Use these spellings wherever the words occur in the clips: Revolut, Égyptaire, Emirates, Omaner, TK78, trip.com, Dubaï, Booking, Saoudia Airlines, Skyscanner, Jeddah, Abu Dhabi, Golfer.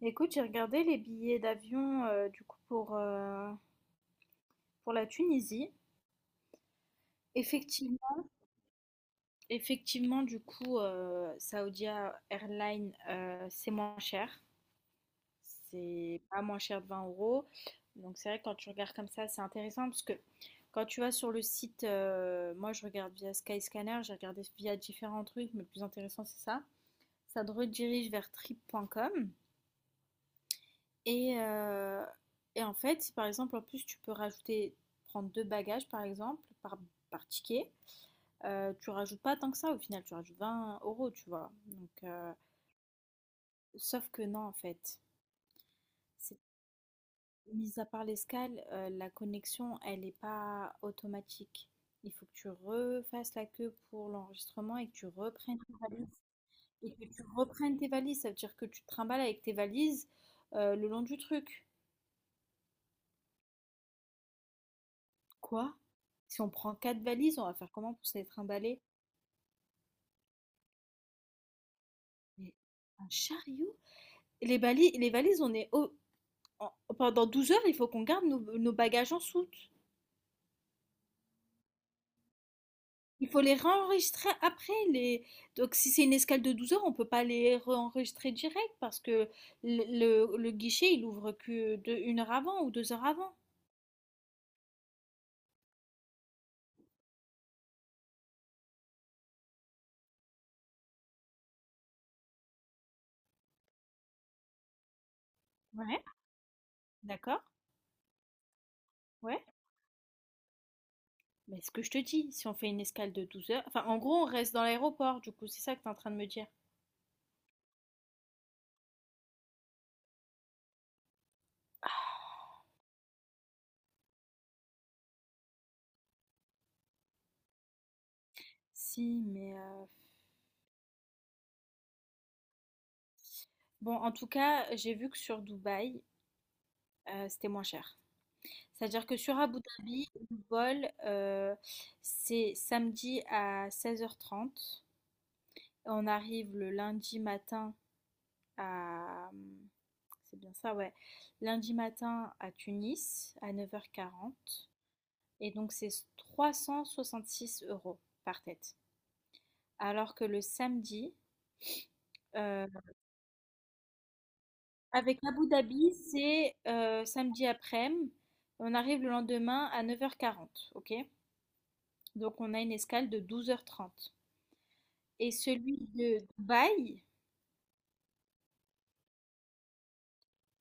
Écoute, j'ai regardé les billets d'avion du coup pour la Tunisie. Effectivement, effectivement, du coup, Saoudia Airlines, c'est moins cher. C'est pas moins cher de 20 euros. Donc c'est vrai que quand tu regardes comme ça, c'est intéressant parce que quand tu vas sur le site, moi je regarde via Skyscanner, j'ai regardé via différents trucs, mais le plus intéressant c'est ça. Ça te redirige vers trip.com. Et, euh, et en fait, si par exemple, en plus, tu peux rajouter, prendre deux bagages par exemple, par ticket, tu rajoutes pas tant que ça au final, tu rajoutes 20 euros, tu vois. Donc, sauf que non, en fait, c'est- mis à part l'escale, la connexion, elle n'est pas automatique. Il faut que tu refasses la queue pour l'enregistrement et que tu reprennes tes valises. Et que tu reprennes tes valises, ça veut dire que tu te trimbales avec tes valises le long du truc. Quoi? Si on prend 4 valises, on va faire comment pour se les trimballer? Mais un chariot? Et les valises, on est au- en- pendant 12 heures, il faut qu'on garde nos bagages en soute. Il faut les réenregistrer après les donc si c'est une escale de 12 heures, on ne peut pas les réenregistrer direct parce que le, le guichet, il ouvre que de 1 heure avant ou 2 heures avant. Ouais. D'accord? Ouais. Mais ce que je te dis, si on fait une escale de 12 heures, enfin en gros, on reste dans l'aéroport, du coup, c'est ça que tu es en train de me dire. Si, mais bon, en tout cas, j'ai vu que sur Dubaï, c'était moins cher. C'est-à-dire que sur Abu Dhabi, le vol, c'est samedi à 16h30. On arrive le lundi matin à... euh, c'est bien ça, ouais. Lundi matin à Tunis à 9h40. Et donc, c'est 366 euros par tête. Alors que le samedi, euh, avec Abu Dhabi, c'est samedi après-midi. On arrive le lendemain à 9h40. Ok? Donc on a une escale de 12h30. Et celui de Dubaï,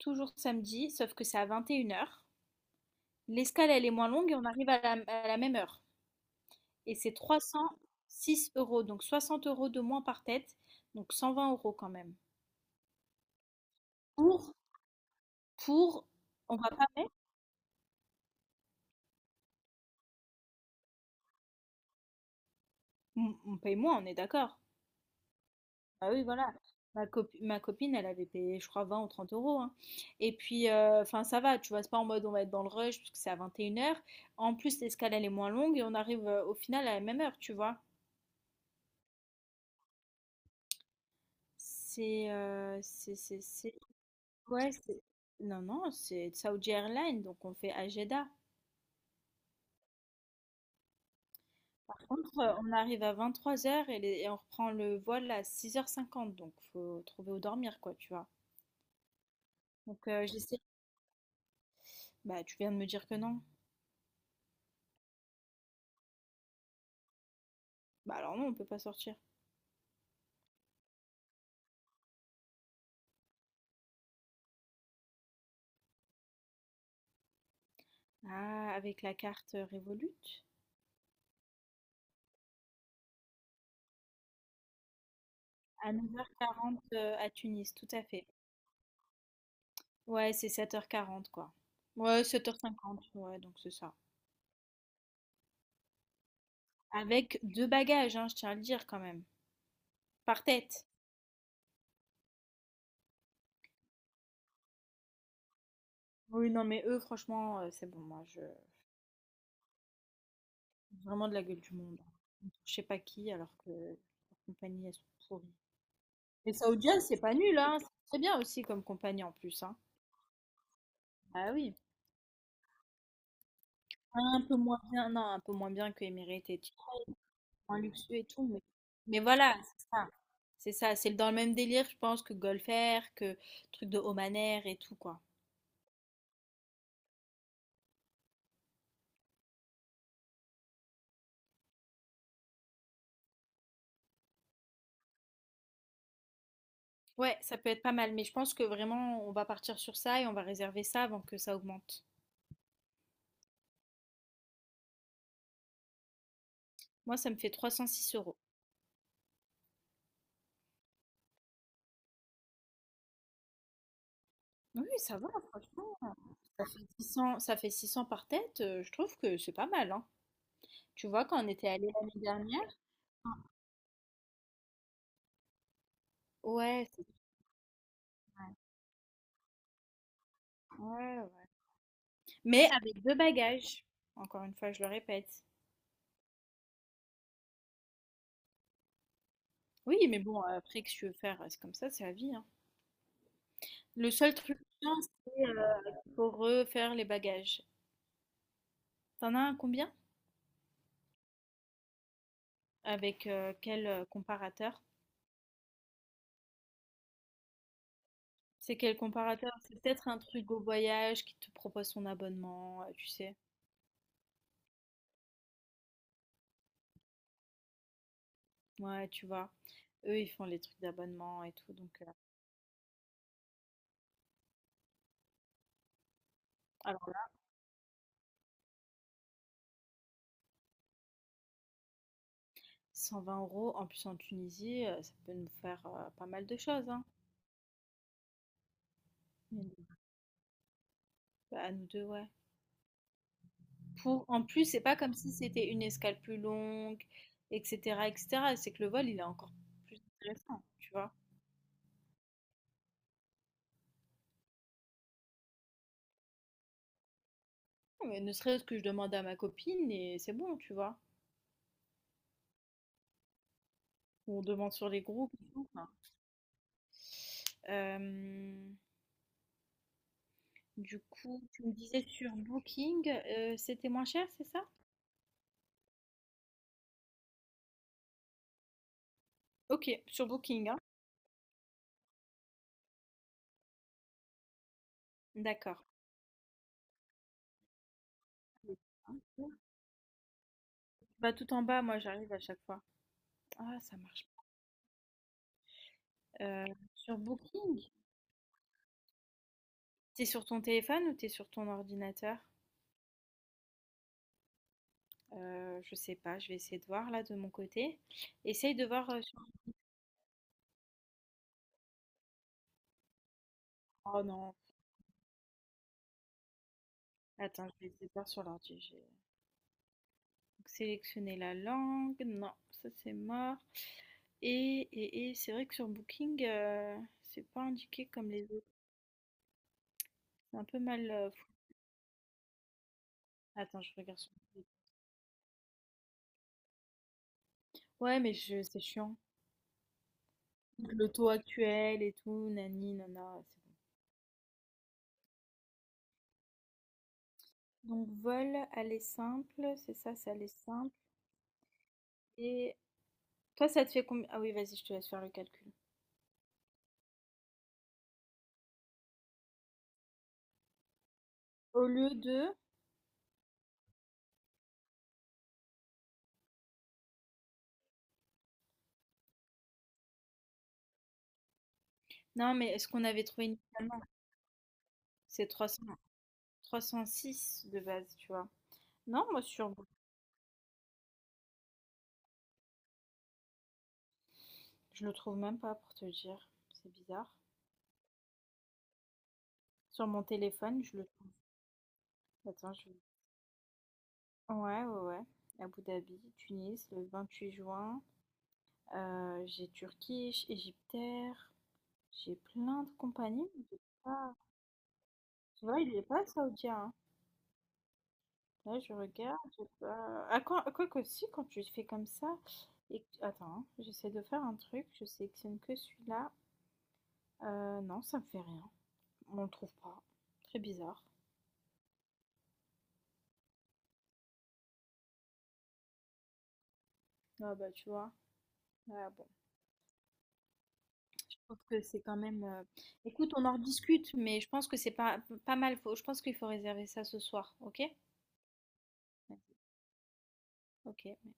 toujours samedi, sauf que c'est à 21 heures. L'escale, elle est moins longue et on arrive à la même heure. Et c'est 306 euros, donc 60 euros de moins par tête, donc 120 euros quand même. Pour, pour, on va pas mettre, on paye moins, on est d'accord. Bah oui, voilà. Ma copine, elle avait payé, je crois, 20 ou 30 euros, hein. Et puis, enfin, ça va, tu vois, c'est pas en mode on va être dans le rush parce que c'est à vingt et une heures. En plus, l'escale, elle est moins longue et on arrive au final à la même heure, tu vois. C'est. C'est. C'est- Ouais, c'est. Non, non, c'est Saudi Airlines, donc on fait à Jeddah. Par contre, on arrive à 23h et on reprend le vol à 6h50. Donc faut trouver où dormir, quoi, tu vois. Donc, j'essaie. Bah, tu viens de me dire que non. Bah, alors non, on peut pas sortir. Ah, avec la carte, Revolut? À 9h40, à Tunis, tout à fait. Ouais, c'est 7h40 quoi. Ouais, 7h50, ouais, donc c'est ça. Avec deux bagages, hein, je tiens à le dire quand même, par tête. Oui, non, mais eux, franchement, c'est bon, moi je vraiment de la gueule du monde, hein. Je sais pas qui, alors que leurs compagnies, elles sont pourries. Les saoudiennes, c'est pas nul, hein, c'est très bien aussi comme compagnie en plus, hein. Ah oui, un peu moins bien, non, un peu moins bien que Emirates et tout, moins luxueux et tout, mais voilà, c'est ça. C'est ça, c'est dans le même délire, je pense, que Golfer, que truc de Omaner et tout, quoi. Ouais, ça peut être pas mal, mais je pense que vraiment, on va partir sur ça et on va réserver ça avant que ça augmente. Moi, ça me fait 306 euros. Oui, ça va, franchement. Ça fait 600, ça fait 600 par tête, je trouve que c'est pas mal, hein. Tu vois, quand on était allé l'année dernière, ouais, c'est vrai. Ouais, ouais. Mais avec deux bagages, encore une fois, je le répète. Oui, mais bon, après, que tu veux faire, c'est comme ça, c'est la vie, hein. Le seul truc chiant, pour refaire les bagages. T'en as un combien? Avec quel comparateur? C'est quel comparateur? C'est peut-être un truc au voyage qui te propose son abonnement, tu sais. Ouais, tu vois. Eux, ils font les trucs d'abonnement et tout. Donc, alors, 120 euros, en plus en Tunisie, ça peut nous faire pas mal de choses, hein. Mais nous- bah, à nous deux, ouais. Pour, en plus, c'est pas comme si c'était une escale plus longue, etc., etc. C'est que le vol, il est encore plus intéressant, tu vois. Mais ne serait-ce que je demande à ma copine et c'est bon, tu vois. Ou on demande sur les groupes et tout, enfin. Euh, du coup, tu me disais sur Booking, c'était moins cher, c'est ça? Ok, sur Booking, hein. D'accord. Bah tout en bas, moi j'arrive à chaque fois. Ah, ça marche pas. Sur Booking, t'es sur ton téléphone ou t'es sur ton ordinateur? Je sais pas, je vais essayer de voir là de mon côté. Essaye de voir sur... Oh non, attends, je vais essayer de voir sur l'ordi. Donc, sélectionner la langue, non, ça c'est mort. Et c'est vrai que sur Booking, c'est pas indiqué comme les autres. C'est un peu mal. Attends, je regarde sur Booking. Ouais, mais je, c'est chiant. Le taux actuel et tout, nani, nana, c'est bon. Donc, vol, aller simple, c'est ça, c'est aller simple. Et toi, ça te fait combien? Ah oui, vas-y, je te laisse faire le calcul. Au lieu de. Non, mais est-ce qu'on avait trouvé initialement? C'est 306 de base, tu vois. Non, moi sur Je le trouve même pas pour te dire, c'est bizarre. Sur mon téléphone, je le trouve. Attends, je... Ouais, ouais, ouais. Abu Dhabi, Tunis, le 28 juin. J'ai Turquie, Égyptaire. J'ai plein de compagnies, mais j'ai pas- Tu vois, il est pas saoudien, hein. Là, je regarde, j'ai pas- Ah, quoi, quoi que si, quand tu fais comme ça. Et... Attends, hein, j'essaie de faire un truc. Je sélectionne que celui-là. Non, ça me fait rien. On le trouve pas. Très bizarre. Ah bah, tu vois. Ah bon. Je trouve que c'est quand même. Écoute, on en rediscute, mais je pense que c'est pas, pas mal. Faut- Je pense qu'il faut réserver ça ce soir, ok? Ok.